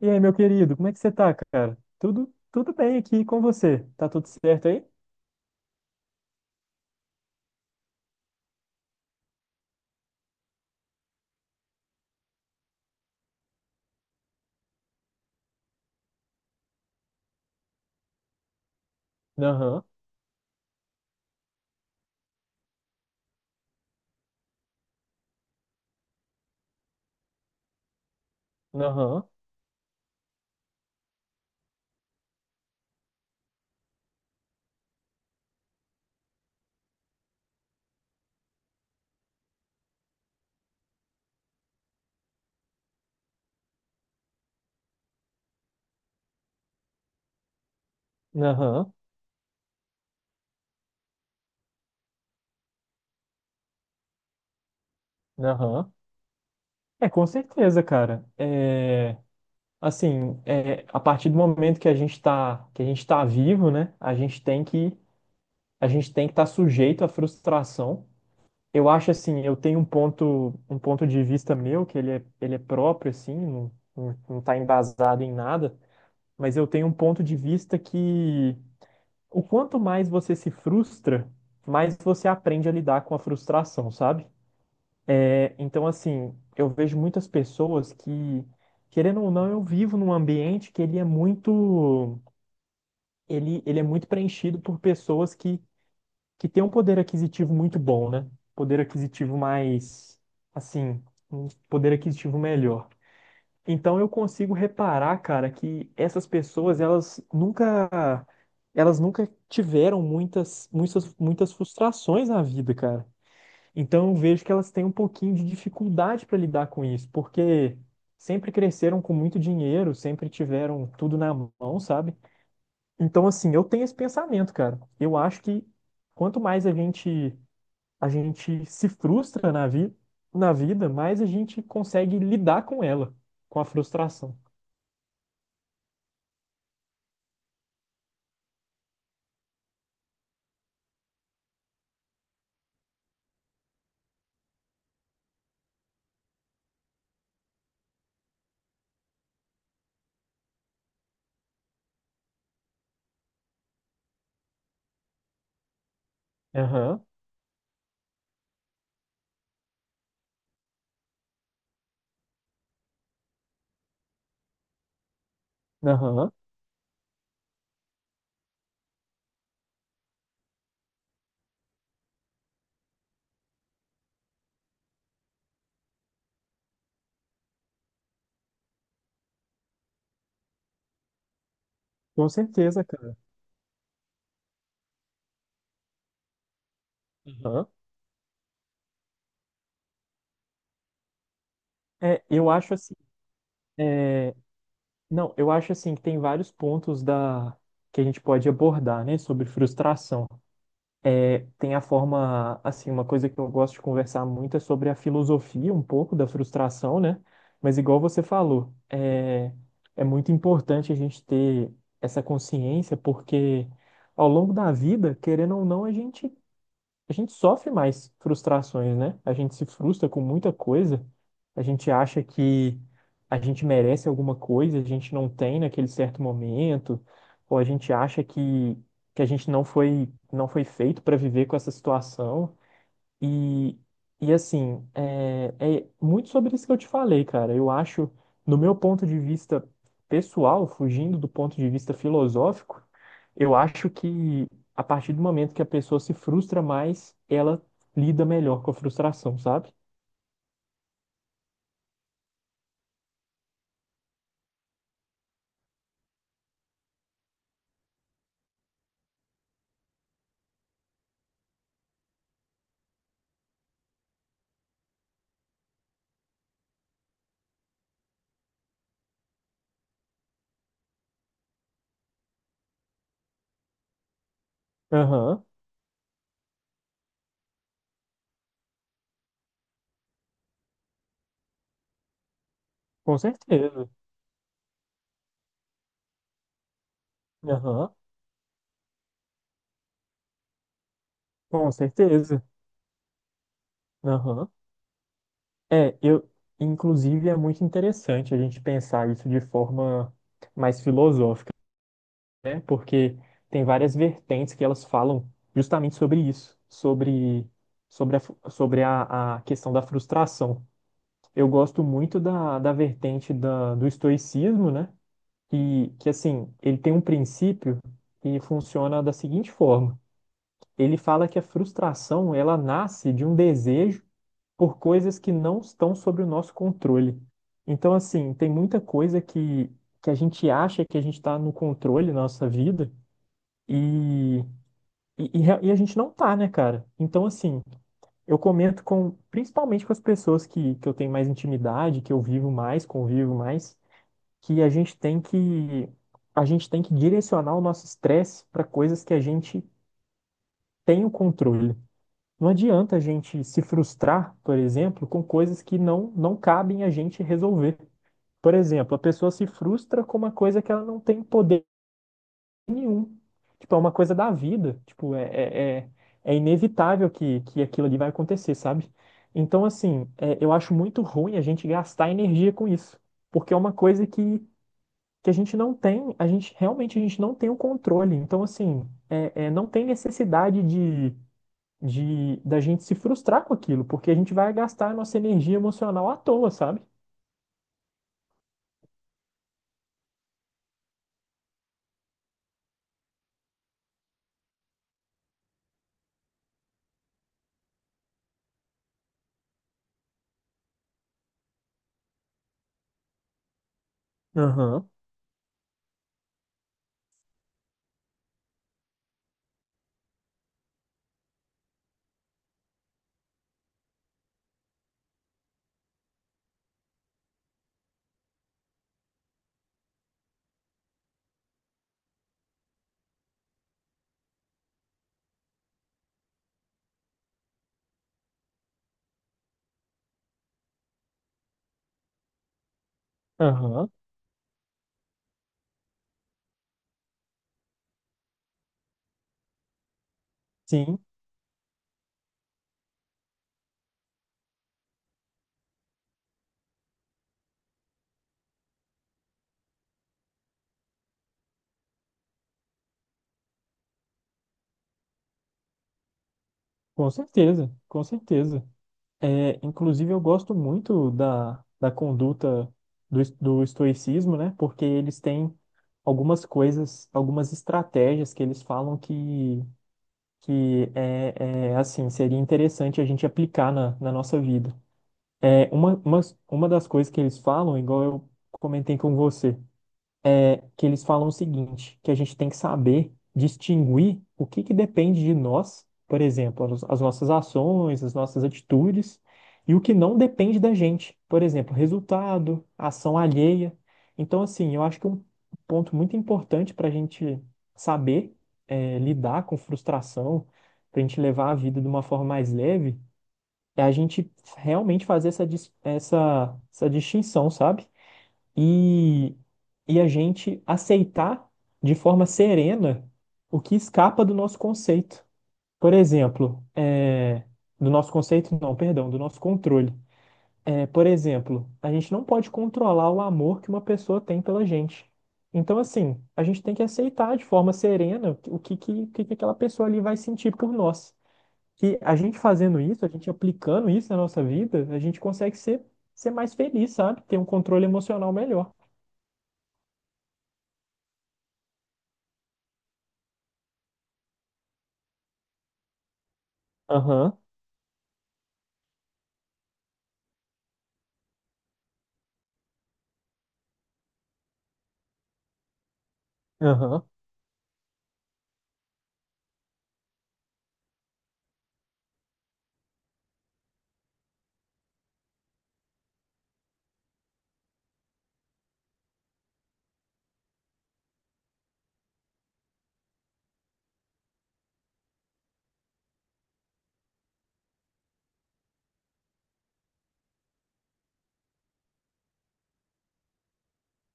E aí, meu querido, como é que você tá, cara? Tudo bem aqui com você? Tá tudo certo aí? Aham, aham, aham, aham. É, com certeza, cara. É, assim, é, a partir do momento que a gente tá vivo, né? A gente tem que estar sujeito à frustração. Eu acho assim, eu tenho um ponto de vista meu que ele é próprio, assim, não tá embasado em nada, mas eu tenho um ponto de vista que o quanto mais você se frustra, mais você aprende a lidar com a frustração, sabe? É, então, assim, eu vejo muitas pessoas que, querendo ou não, eu vivo num ambiente que ele é muito, ele é muito preenchido por pessoas que têm um poder aquisitivo muito bom, né? Poder aquisitivo mais, assim, um poder aquisitivo melhor. Então eu consigo reparar, cara, que essas pessoas, elas nunca tiveram muitas, muitas, muitas frustrações na vida, cara. Então eu vejo que elas têm um pouquinho de dificuldade para lidar com isso, porque sempre cresceram com muito dinheiro, sempre tiveram tudo na mão, sabe? Então assim, eu tenho esse pensamento, cara. Eu acho que quanto mais a gente se frustra na vida, mais a gente consegue lidar com ela, com a frustração. Aham, aham, com certeza, cara. Aham. É, eu acho assim, é, não, eu acho assim que tem vários pontos da que a gente pode abordar, né, sobre frustração. É, tem a forma, assim, uma coisa que eu gosto de conversar muito é sobre a filosofia um pouco da frustração, né? Mas igual você falou, é, é muito importante a gente ter essa consciência porque ao longo da vida, querendo ou não, a gente sofre mais frustrações, né? A gente se frustra com muita coisa, a gente acha que a gente merece alguma coisa, a gente não tem naquele certo momento, ou a gente acha que a gente não foi feito para viver com essa situação. E, e assim, é, é muito sobre isso que eu te falei, cara. Eu acho, no meu ponto de vista pessoal, fugindo do ponto de vista filosófico, eu acho que a partir do momento que a pessoa se frustra mais, ela lida melhor com a frustração, sabe? Aham, com certeza. Aham, com certeza. Aham. É, eu, inclusive, é muito interessante a gente pensar isso de forma mais filosófica, né? Porque tem várias vertentes que elas falam justamente sobre isso, sobre, sobre, sobre a questão da frustração. Eu gosto muito da, da vertente da, do estoicismo, né? E que, assim, ele tem um princípio que funciona da seguinte forma. Ele fala que a frustração, ela nasce de um desejo por coisas que não estão sob o nosso controle. Então, assim, tem muita coisa que a gente acha que a gente está no controle da nossa vida, e, e a gente não tá, né, cara? Então, assim, eu comento com, principalmente com as pessoas que eu tenho mais intimidade, que eu vivo mais, convivo mais, que a gente tem que direcionar o nosso estresse para coisas que a gente tem o controle. Não adianta a gente se frustrar, por exemplo, com coisas que não cabem a gente resolver. Por exemplo, a pessoa se frustra com uma coisa que ela não tem poder nenhum. Tipo, é uma coisa da vida. Tipo, é, é inevitável que aquilo ali vai acontecer, sabe? Então, assim, é, eu acho muito ruim a gente gastar energia com isso. Porque é uma coisa que a gente não tem, a gente realmente a gente não tem o controle. Então, assim, não tem necessidade de da gente se frustrar com aquilo, porque a gente vai gastar a nossa energia emocional à toa, sabe? Aham, aham, sim, com certeza, com certeza. É, inclusive, eu gosto muito da, da conduta do, do estoicismo, né? Porque eles têm algumas coisas, algumas estratégias que eles falam que é, é, assim, seria interessante a gente aplicar na, na nossa vida. É, uma das coisas que eles falam, igual eu comentei com você, que eles falam o seguinte, que a gente tem que saber distinguir o que que depende de nós, por exemplo, as nossas ações, as nossas atitudes, e o que não depende da gente, por exemplo, resultado, ação alheia. Então, assim, eu acho que um ponto muito importante para a gente saber eh, lidar com frustração, para a gente levar a vida de uma forma mais leve, é a gente realmente fazer essa, essa, essa distinção, sabe? E, e a gente aceitar de forma serena o que escapa do nosso conceito. Por exemplo, é, do nosso conceito, não, perdão, do nosso controle. É, por exemplo, a gente não pode controlar o amor que uma pessoa tem pela gente. Então, assim, a gente tem que aceitar de forma serena o que, que que aquela pessoa ali vai sentir por nós. E a gente fazendo isso, a gente aplicando isso na nossa vida, a gente consegue ser, ser mais feliz, sabe? Ter um controle emocional melhor. Aham. Aham,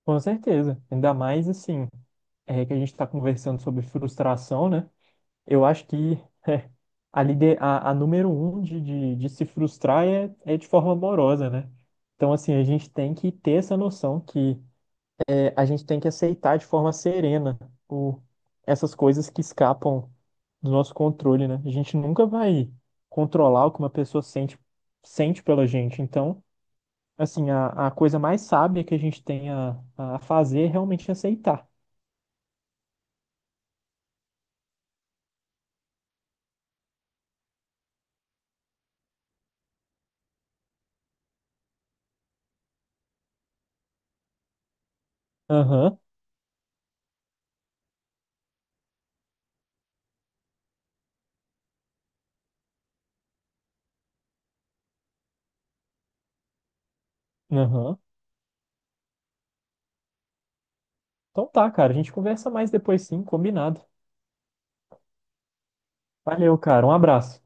com certeza. Ainda mais assim, é que a gente está conversando sobre frustração, né? Eu acho que é, a número um de se frustrar é, é de forma amorosa, né? Então, assim, a gente tem que ter essa noção que é, a gente tem que aceitar de forma serena o, essas coisas que escapam do nosso controle, né? A gente nunca vai controlar o que uma pessoa sente, sente pela gente. Então, assim, a coisa mais sábia que a gente tem a fazer é realmente aceitar. Aham, aham. Então tá, cara. A gente conversa mais depois sim, combinado. Valeu, cara. Um abraço.